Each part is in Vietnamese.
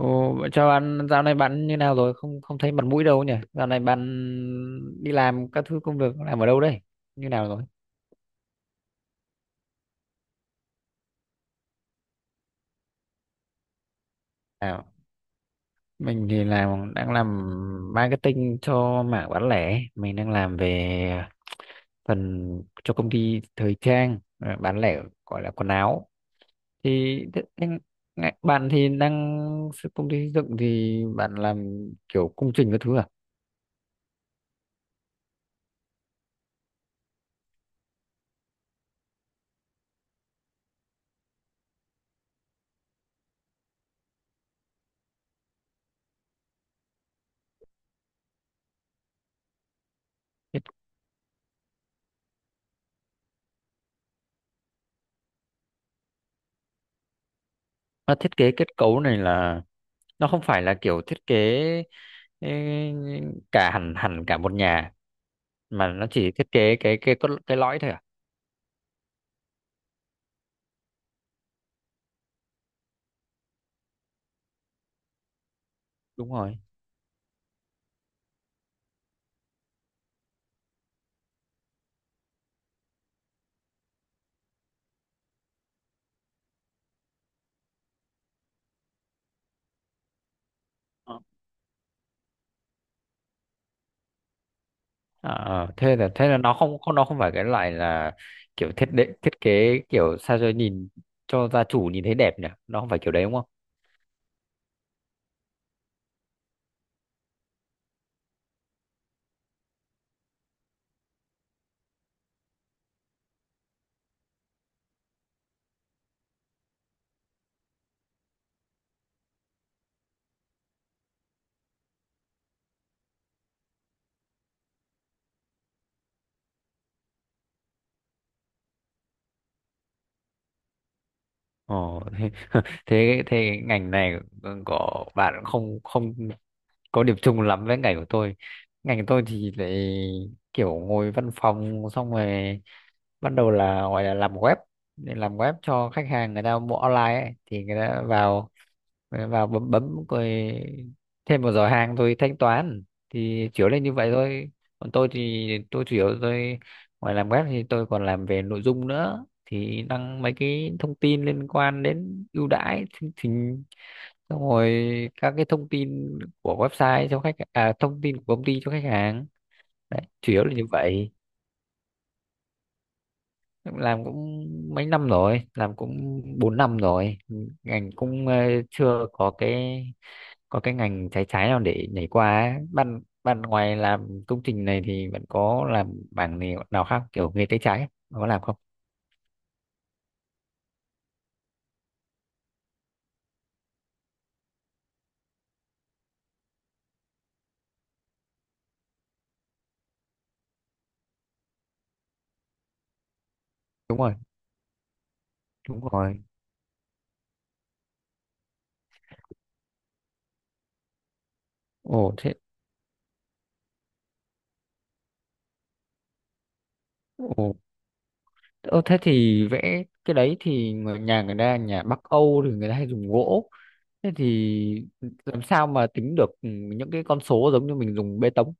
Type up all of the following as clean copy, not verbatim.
Ồ, vậy chào bạn, dạo này bạn như nào rồi? Không không thấy mặt mũi đâu nhỉ? Dạo này bạn đi làm các thứ công việc làm ở đâu đây? Như nào rồi? À, mình thì đang làm marketing cho mảng bán lẻ, mình đang làm về phần cho công ty thời trang à, bán lẻ gọi là quần áo. Thì thế- anh- ngại- Bạn thì đang công ty xây dựng thì bạn làm kiểu công trình các thứ à? Nó thiết kế kết cấu này là nó không phải là kiểu thiết kế ê, cả hẳn hẳn cả một nhà mà nó chỉ thiết kế cái lõi thôi à? Đúng rồi. Ờ, Thế là nó không không nó không phải cái loại là kiểu thiết kế kiểu sao cho nhìn cho gia chủ nhìn thấy đẹp nhỉ? Nó không phải kiểu đấy đúng không? Ồ, thế, thế thế ngành này của bạn không không có điểm chung lắm với ngành của tôi. Ngành của tôi thì lại kiểu ngồi văn phòng xong rồi bắt đầu là gọi là làm web, để làm web cho khách hàng người ta mua online ấy. Thì người ta vào vào bấm bấm rồi thêm một giỏ hàng thôi thanh toán, thì chủ yếu là như vậy thôi. Còn tôi thì tôi chủ yếu tôi ngoài làm web thì tôi còn làm về nội dung nữa, thì đăng mấy cái thông tin liên quan đến ưu đãi chương trình xong rồi các cái thông tin của website cho khách, à thông tin của công ty cho khách hàng. Đấy chủ yếu là như vậy. Làm cũng mấy năm rồi, làm cũng 4 năm rồi. Ngành cũng chưa có cái có cái ngành trái trái nào để nhảy qua ấy. Ban ban ngoài làm công trình này thì bạn có làm bảng này nào khác kiểu nghề tay trái ấy? Bạn có làm không? Đúng rồi đúng rồi Ồ thế. Ồ. Ơ, thế thì vẽ cái đấy thì người nhà người ta nhà Bắc Âu thì người ta hay dùng gỗ. Thế thì làm sao mà tính được những cái con số giống như mình dùng bê tông?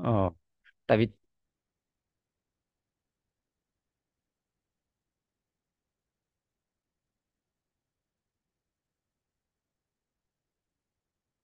ờ tại vì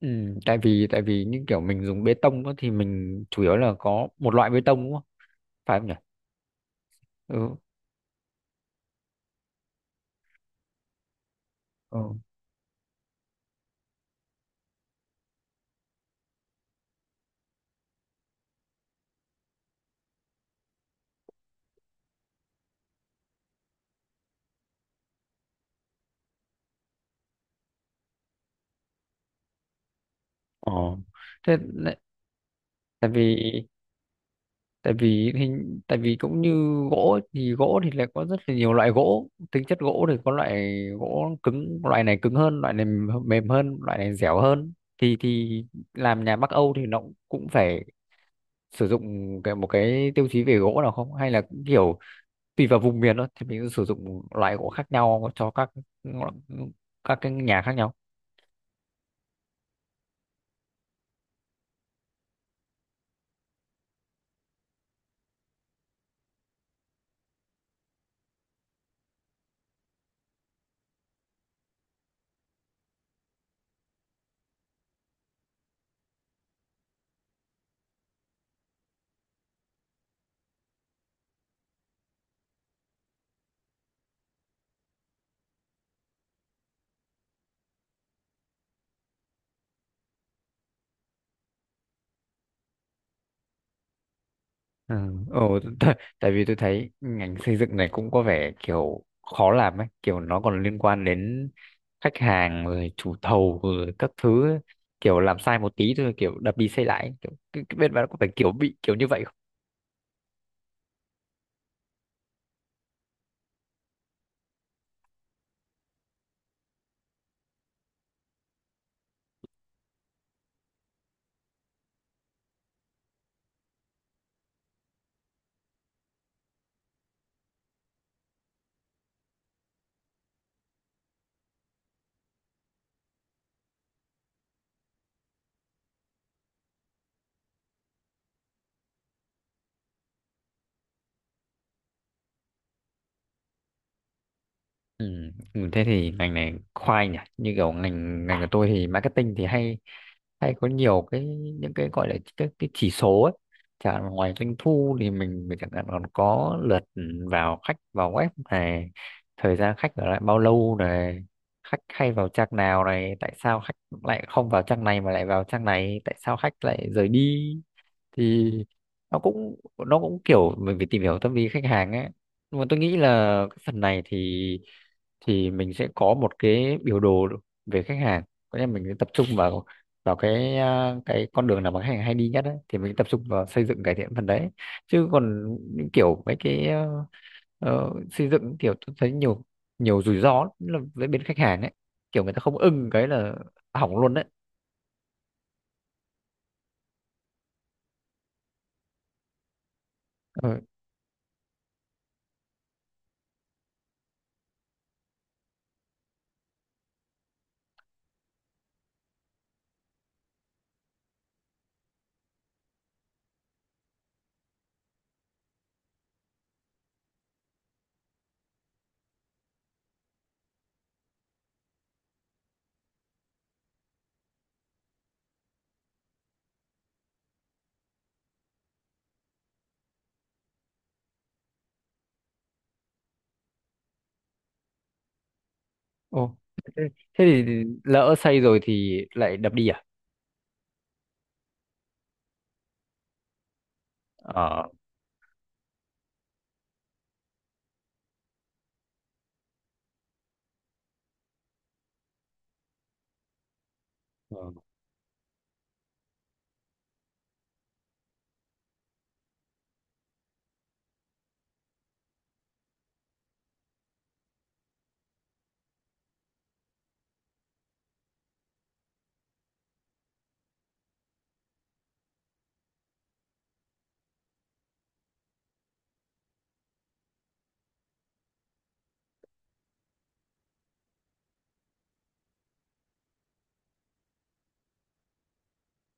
ừ, tại vì những kiểu mình dùng bê tông á thì mình chủ yếu là có một loại bê tông đúng không? Phải không nhỉ? Ừ. Ờ. ờ thế lại- Tại vì tại vì hình tại vì cũng như gỗ ấy, thì gỗ thì lại có rất là nhiều loại gỗ, tính chất gỗ thì có loại gỗ cứng, loại này cứng hơn loại này, mềm hơn, loại này dẻo hơn, thì làm nhà Bắc Âu thì nó cũng phải sử dụng cái một cái tiêu chí về gỗ nào không, hay là cũng kiểu tùy vào vùng miền thôi thì mình sẽ sử dụng loại gỗ khác nhau cho các cái nhà khác nhau? Ừ. Ừ. Tại vì tôi thấy ngành xây dựng này cũng có vẻ kiểu khó làm ấy, kiểu nó còn liên quan đến khách hàng rồi chủ thầu rồi các thứ ấy. Kiểu làm sai một tí thôi kiểu đập đi xây lại ấy. Kiểu cái bên bạn có phải kiểu bị kiểu như vậy? Ừ. Ừ, thế thì ngành này khoai nhỉ, như kiểu ngành ngành của tôi thì marketing thì hay hay có nhiều cái những cái gọi là cái chỉ số ấy, chẳng hạn ngoài doanh thu thì mình chẳng hạn còn có lượt vào khách vào web này, thời gian khách ở lại bao lâu này, khách hay vào trang nào này, tại sao khách lại không vào trang này mà lại vào trang này, tại sao khách lại rời đi, thì nó cũng nó cũng kiểu mình phải tìm hiểu tâm lý khách hàng ấy. Nhưng mà tôi nghĩ là cái phần này thì mình sẽ có một cái biểu đồ về khách hàng, có nghĩa là mình sẽ tập trung vào vào cái cái con đường nào mà khách hàng hay đi nhất ấy, thì mình tập trung vào xây dựng cải thiện phần đấy. Chứ còn những kiểu mấy cái xây dựng kiểu tôi thấy nhiều nhiều rủi ro lắm, là với bên khách hàng ấy, kiểu người ta không ưng cái là hỏng luôn đấy. Ờ, Ồ, thế thế thì lỡ xây rồi thì lại đập đi à? Ờ. Ờ.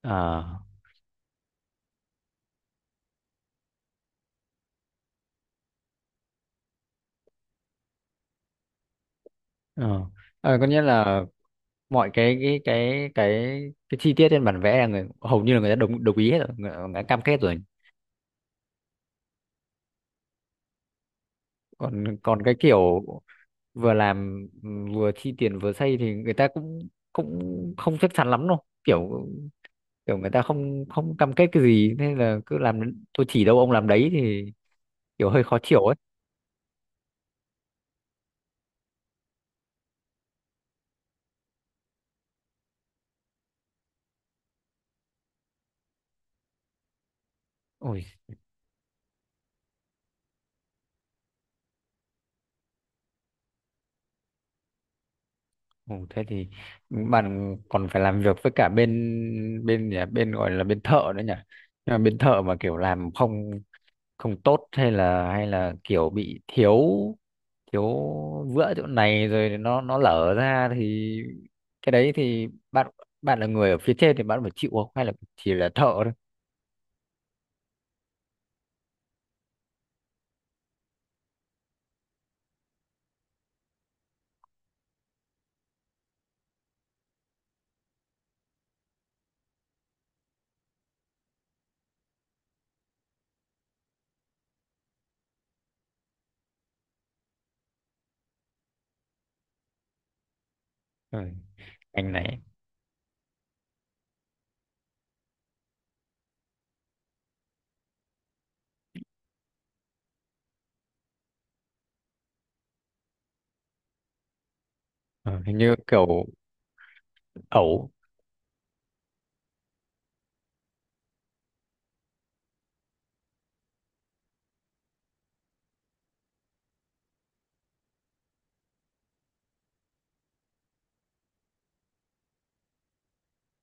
À, ờ. Có nghĩa là mọi cái cái chi tiết trên bản vẽ là người hầu như là người ta đồng đồng ý hết rồi, người ta cam kết rồi. Còn còn cái kiểu vừa làm vừa chi tiền vừa xây thì người ta cũng cũng không chắc chắn lắm đâu. Kiểu kiểu người ta không không cam kết cái gì nên là cứ làm, tôi chỉ đâu ông làm đấy thì kiểu hơi khó chịu ấy. Ôi. Ồ, thế thì bạn còn phải làm việc với cả bên bên nhỉ bên gọi là bên thợ nữa nhỉ. Nhưng mà bên thợ mà kiểu làm không không tốt, hay là kiểu bị thiếu thiếu vữa chỗ này rồi nó lở ra thì cái đấy thì bạn bạn là người ở phía trên thì bạn phải chịu không, hay là chỉ là thợ thôi? Ừ, anh này. Ờ, Hình như kiểu ẩu.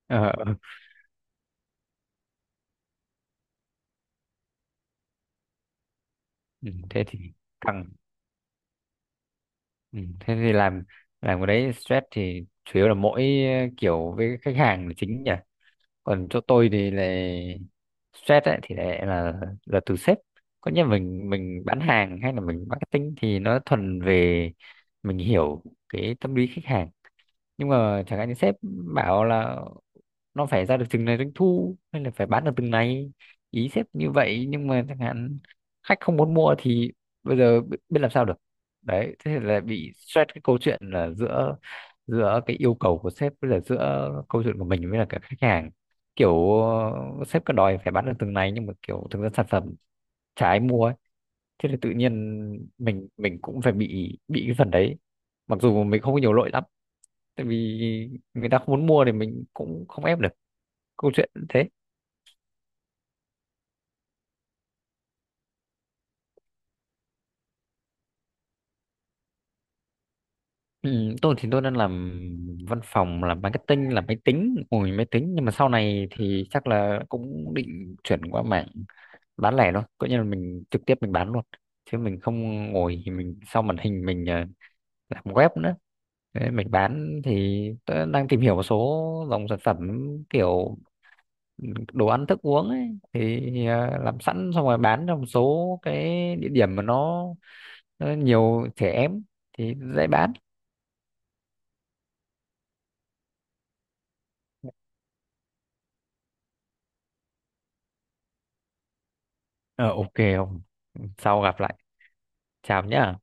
Ờ, ừ, thế thì căng. Ừ, thế thì làm cái đấy stress thì chủ yếu là mỗi kiểu với khách hàng là chính nhỉ. Còn chỗ tôi thì là stress ấy, thì lại là từ sếp, có nghĩa mình bán hàng hay là mình marketing thì nó thuần về mình hiểu cái tâm lý khách hàng. Nhưng mà chẳng hạn như sếp bảo là nó phải ra được từng này doanh thu, hay là phải bán được từng này, ý sếp như vậy, nhưng mà chẳng hạn khách không muốn mua thì bây giờ biết làm sao được. Đấy thế là bị stress cái câu chuyện là giữa giữa cái yêu cầu của sếp với là giữa câu chuyện của mình với là cả khách hàng. Kiểu sếp cứ đòi phải bán được từng này nhưng mà kiểu thực ra sản phẩm chả ai mua ấy. Thế là tự nhiên mình cũng phải bị cái phần đấy, mặc dù mình không có nhiều lỗi lắm, tại vì người ta không muốn mua thì mình cũng không ép được. Câu chuyện thế. Ừ, tôi thì tôi đang làm văn phòng, làm marketing, làm máy tính, ngồi máy tính, nhưng mà sau này thì chắc là cũng định chuyển qua mảng bán lẻ thôi, coi như là mình trực tiếp mình bán luôn, chứ mình không ngồi thì mình sau màn hình mình làm web nữa. Đấy, mình bán thì tôi đang tìm hiểu một số dòng sản phẩm kiểu đồ ăn thức uống ấy, thì làm sẵn xong rồi bán trong một số cái địa điểm mà nó nhiều trẻ em thì dễ bán. Ờ, ok. Sau gặp lại. Chào nhé.